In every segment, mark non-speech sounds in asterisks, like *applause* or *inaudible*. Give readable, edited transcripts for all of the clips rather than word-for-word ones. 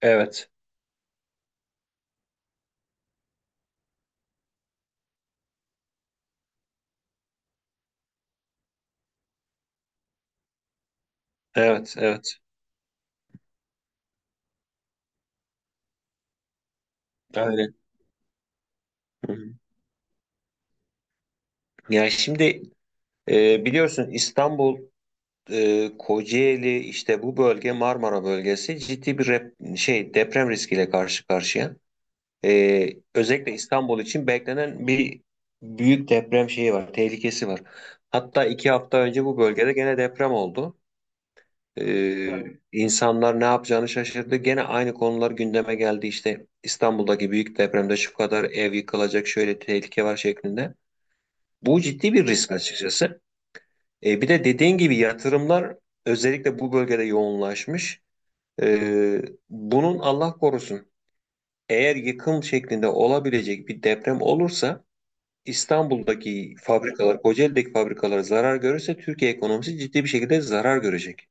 Evet, evet, evet. Aynen. Hı hı. Yani şimdi biliyorsun İstanbul, Kocaeli işte bu bölge Marmara bölgesi ciddi bir deprem riskiyle karşı karşıya. E, Özellikle İstanbul için beklenen bir büyük deprem şeyi var, tehlikesi var. Hatta 2 hafta önce bu bölgede gene deprem oldu. İnsanlar ne yapacağını şaşırdı. Gene aynı konular gündeme geldi. İşte İstanbul'daki büyük depremde şu kadar ev yıkılacak, şöyle tehlike var şeklinde. Bu ciddi bir risk açıkçası. Bir de dediğin gibi yatırımlar özellikle bu bölgede yoğunlaşmış. E, Bunun Allah korusun, eğer yıkım şeklinde olabilecek bir deprem olursa İstanbul'daki fabrikalar, Kocaeli'deki fabrikalar zarar görürse Türkiye ekonomisi ciddi bir şekilde zarar görecek.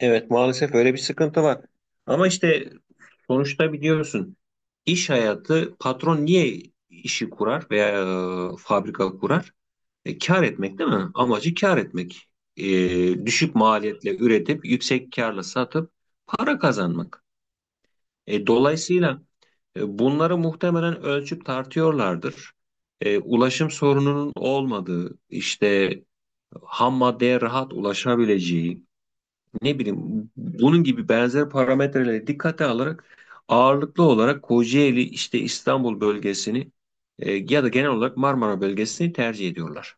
Evet, maalesef öyle bir sıkıntı var. Ama işte sonuçta biliyorsun, iş hayatı, patron niye işi kurar veya fabrika kurar? Kar etmek değil mi? Amacı kar etmek. Düşük maliyetle üretip yüksek karla satıp para kazanmak. Dolayısıyla bunları muhtemelen ölçüp tartıyorlardır. Ulaşım sorununun olmadığı, işte ham maddeye rahat ulaşabileceği, ne bileyim bunun gibi benzer parametreleri dikkate alarak ağırlıklı olarak Kocaeli, işte İstanbul bölgesini, ya da genel olarak Marmara bölgesini tercih ediyorlar.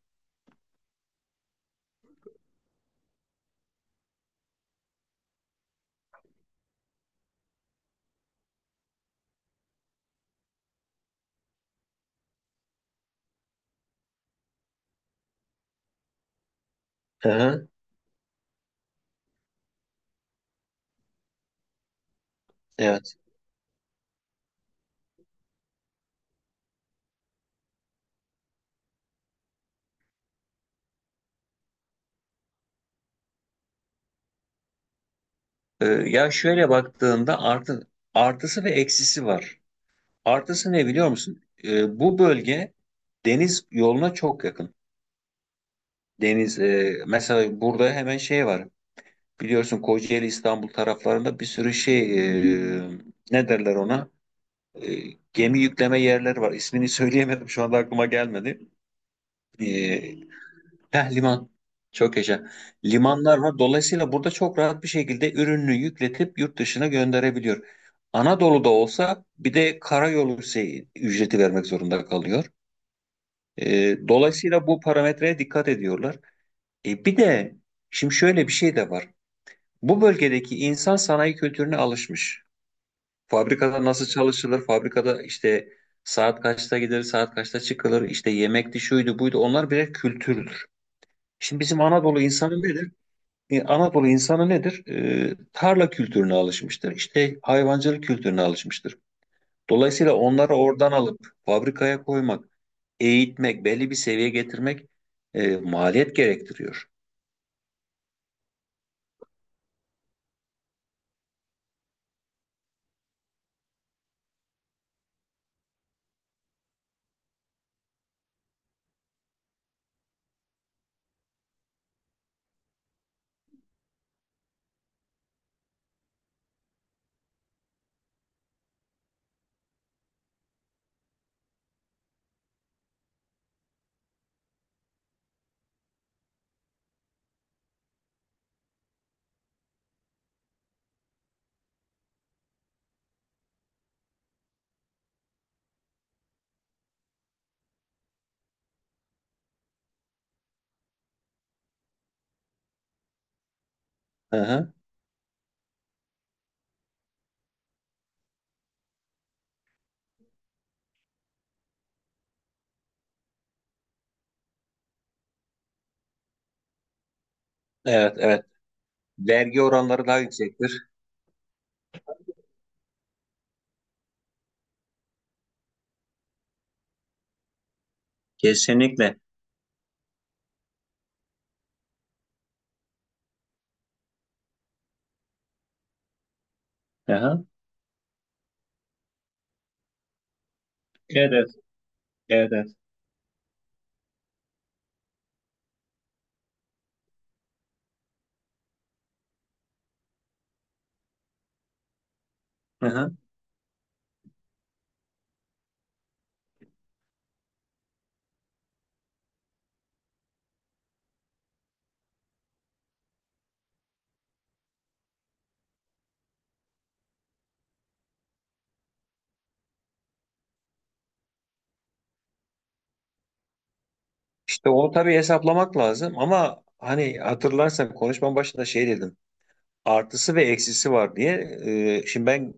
Hı hı, evet. Ya şöyle baktığında artısı ve eksisi var. Artısı ne biliyor musun? Bu bölge deniz yoluna çok yakın. Deniz mesela burada hemen şey var. Biliyorsun Kocaeli İstanbul taraflarında bir sürü şey, e, ne derler ona? E, Gemi yükleme yerleri var. İsmini *laughs* söyleyemedim, şu anda aklıma gelmedi. E, Heh, liman. Çok yaşa. Limanlar var. Dolayısıyla burada çok rahat bir şekilde ürününü yükletip yurt dışına gönderebiliyor. Anadolu'da olsa bir de karayolu şey, ücreti vermek zorunda kalıyor. Dolayısıyla bu parametreye dikkat ediyorlar. Bir de şimdi şöyle bir şey de var. Bu bölgedeki insan sanayi kültürüne alışmış. Fabrikada nasıl çalışılır? Fabrikada işte saat kaçta gider, saat kaçta çıkılır? İşte yemekti, şuydu, buydu. Onlar birer kültürdür. Şimdi bizim Anadolu insanı nedir? Anadolu insanı nedir? Tarla kültürüne alışmıştır. İşte hayvancılık kültürüne alışmıştır. Dolayısıyla onları oradan alıp fabrikaya koymak, eğitmek, belli bir seviyeye getirmek maliyet gerektiriyor. Hı hı. Evet, evet. Vergi oranları daha yüksektir. Kesinlikle. Hı hı. Evet, evet, evet. Evet. Hı hı. İşte onu tabii hesaplamak lazım ama hani hatırlarsan konuşmanın başında şey dedim. Artısı ve eksisi var diye. Şimdi ben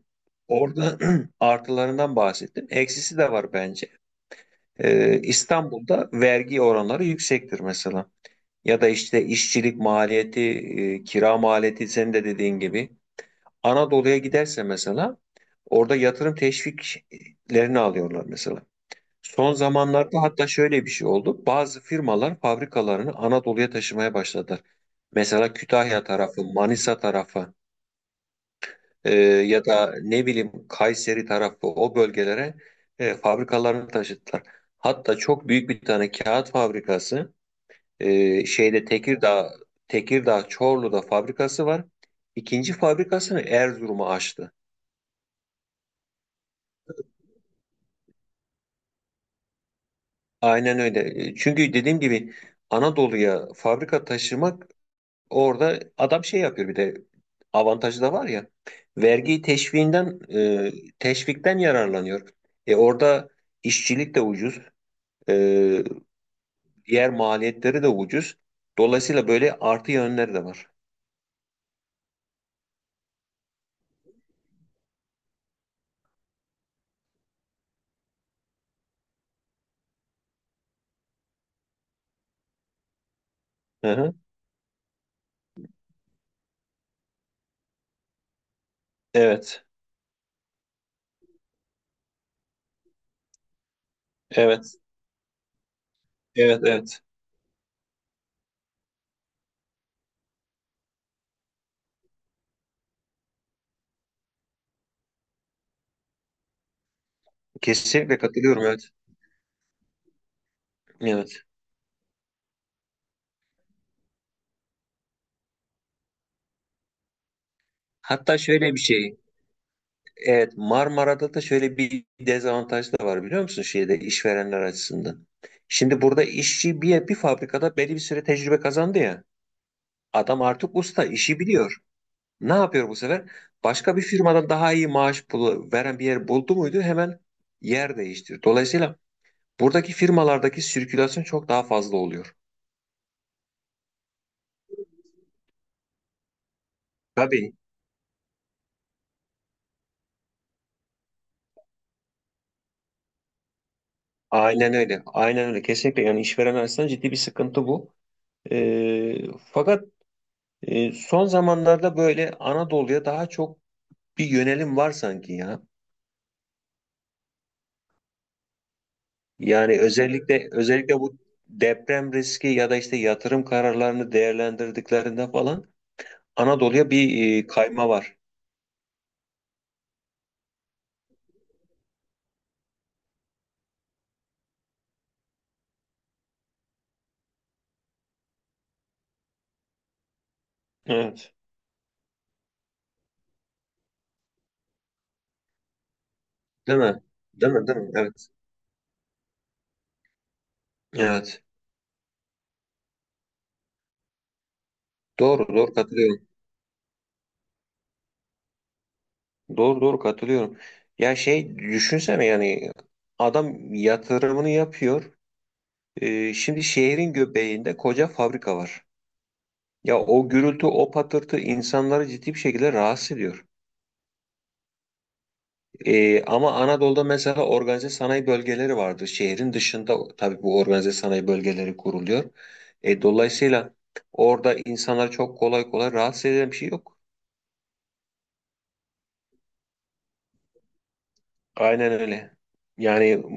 orada *clears throat* artılarından bahsettim. Eksisi de var bence. İstanbul'da vergi oranları yüksektir mesela. Ya da işte işçilik maliyeti, kira maliyeti senin de dediğin gibi. Anadolu'ya giderse mesela orada yatırım teşviklerini alıyorlar mesela. Son zamanlarda hatta şöyle bir şey oldu. Bazı firmalar fabrikalarını Anadolu'ya taşımaya başladılar. Mesela Kütahya tarafı, Manisa tarafı. Ya da ne bileyim Kayseri tarafı, o bölgelere fabrikalarını taşıttılar. Hatta çok büyük bir tane kağıt fabrikası, şeyde Tekirdağ, Tekirdağ Çorlu'da fabrikası var. İkinci fabrikasını Erzurum'a açtı. Aynen öyle. Çünkü dediğim gibi, Anadolu'ya fabrika taşımak, orada adam şey yapıyor, bir de avantajı da var ya, vergi teşviğinden, e, teşvikten yararlanıyor. Orada işçilik de ucuz. Ee, Diğer maliyetleri de ucuz. Dolayısıyla böyle artı yönleri de var. Hı hı. Evet, evet, evet, evet. Kesinlikle katılıyorum, evet. Evet. Hatta şöyle bir şey, evet Marmara'da da şöyle bir dezavantaj da var biliyor musun, şeyde işverenler açısından. Şimdi burada işçi bir fabrikada belli bir süre tecrübe kazandı ya. Adam artık usta, işi biliyor. Ne yapıyor bu sefer? Başka bir firmadan daha iyi maaş pulu veren bir yer buldu muydu hemen yer değiştir. Dolayısıyla buradaki firmalardaki sirkülasyon çok daha fazla oluyor. Tabii. Aynen öyle. Aynen öyle. Kesinlikle yani işveren açısından ciddi bir sıkıntı bu. Ee, Fakat son zamanlarda böyle Anadolu'ya daha çok bir yönelim var sanki ya. Yani özellikle özellikle bu deprem riski ya da işte yatırım kararlarını değerlendirdiklerinde falan Anadolu'ya bir kayma var. Evet. Değil mi? Değil mi? Değil mi? Evet. Evet. Doğru, doğru katılıyorum. Doğru, doğru katılıyorum. Ya şey düşünsene yani, adam yatırımını yapıyor. Şimdi şehrin göbeğinde koca fabrika var. Ya o gürültü, o patırtı insanları ciddi bir şekilde rahatsız ediyor. Ama Anadolu'da mesela organize sanayi bölgeleri vardır. Şehrin dışında tabii bu organize sanayi bölgeleri kuruluyor. Dolayısıyla orada insanlar çok kolay kolay rahatsız eden bir şey yok. Aynen öyle. Yani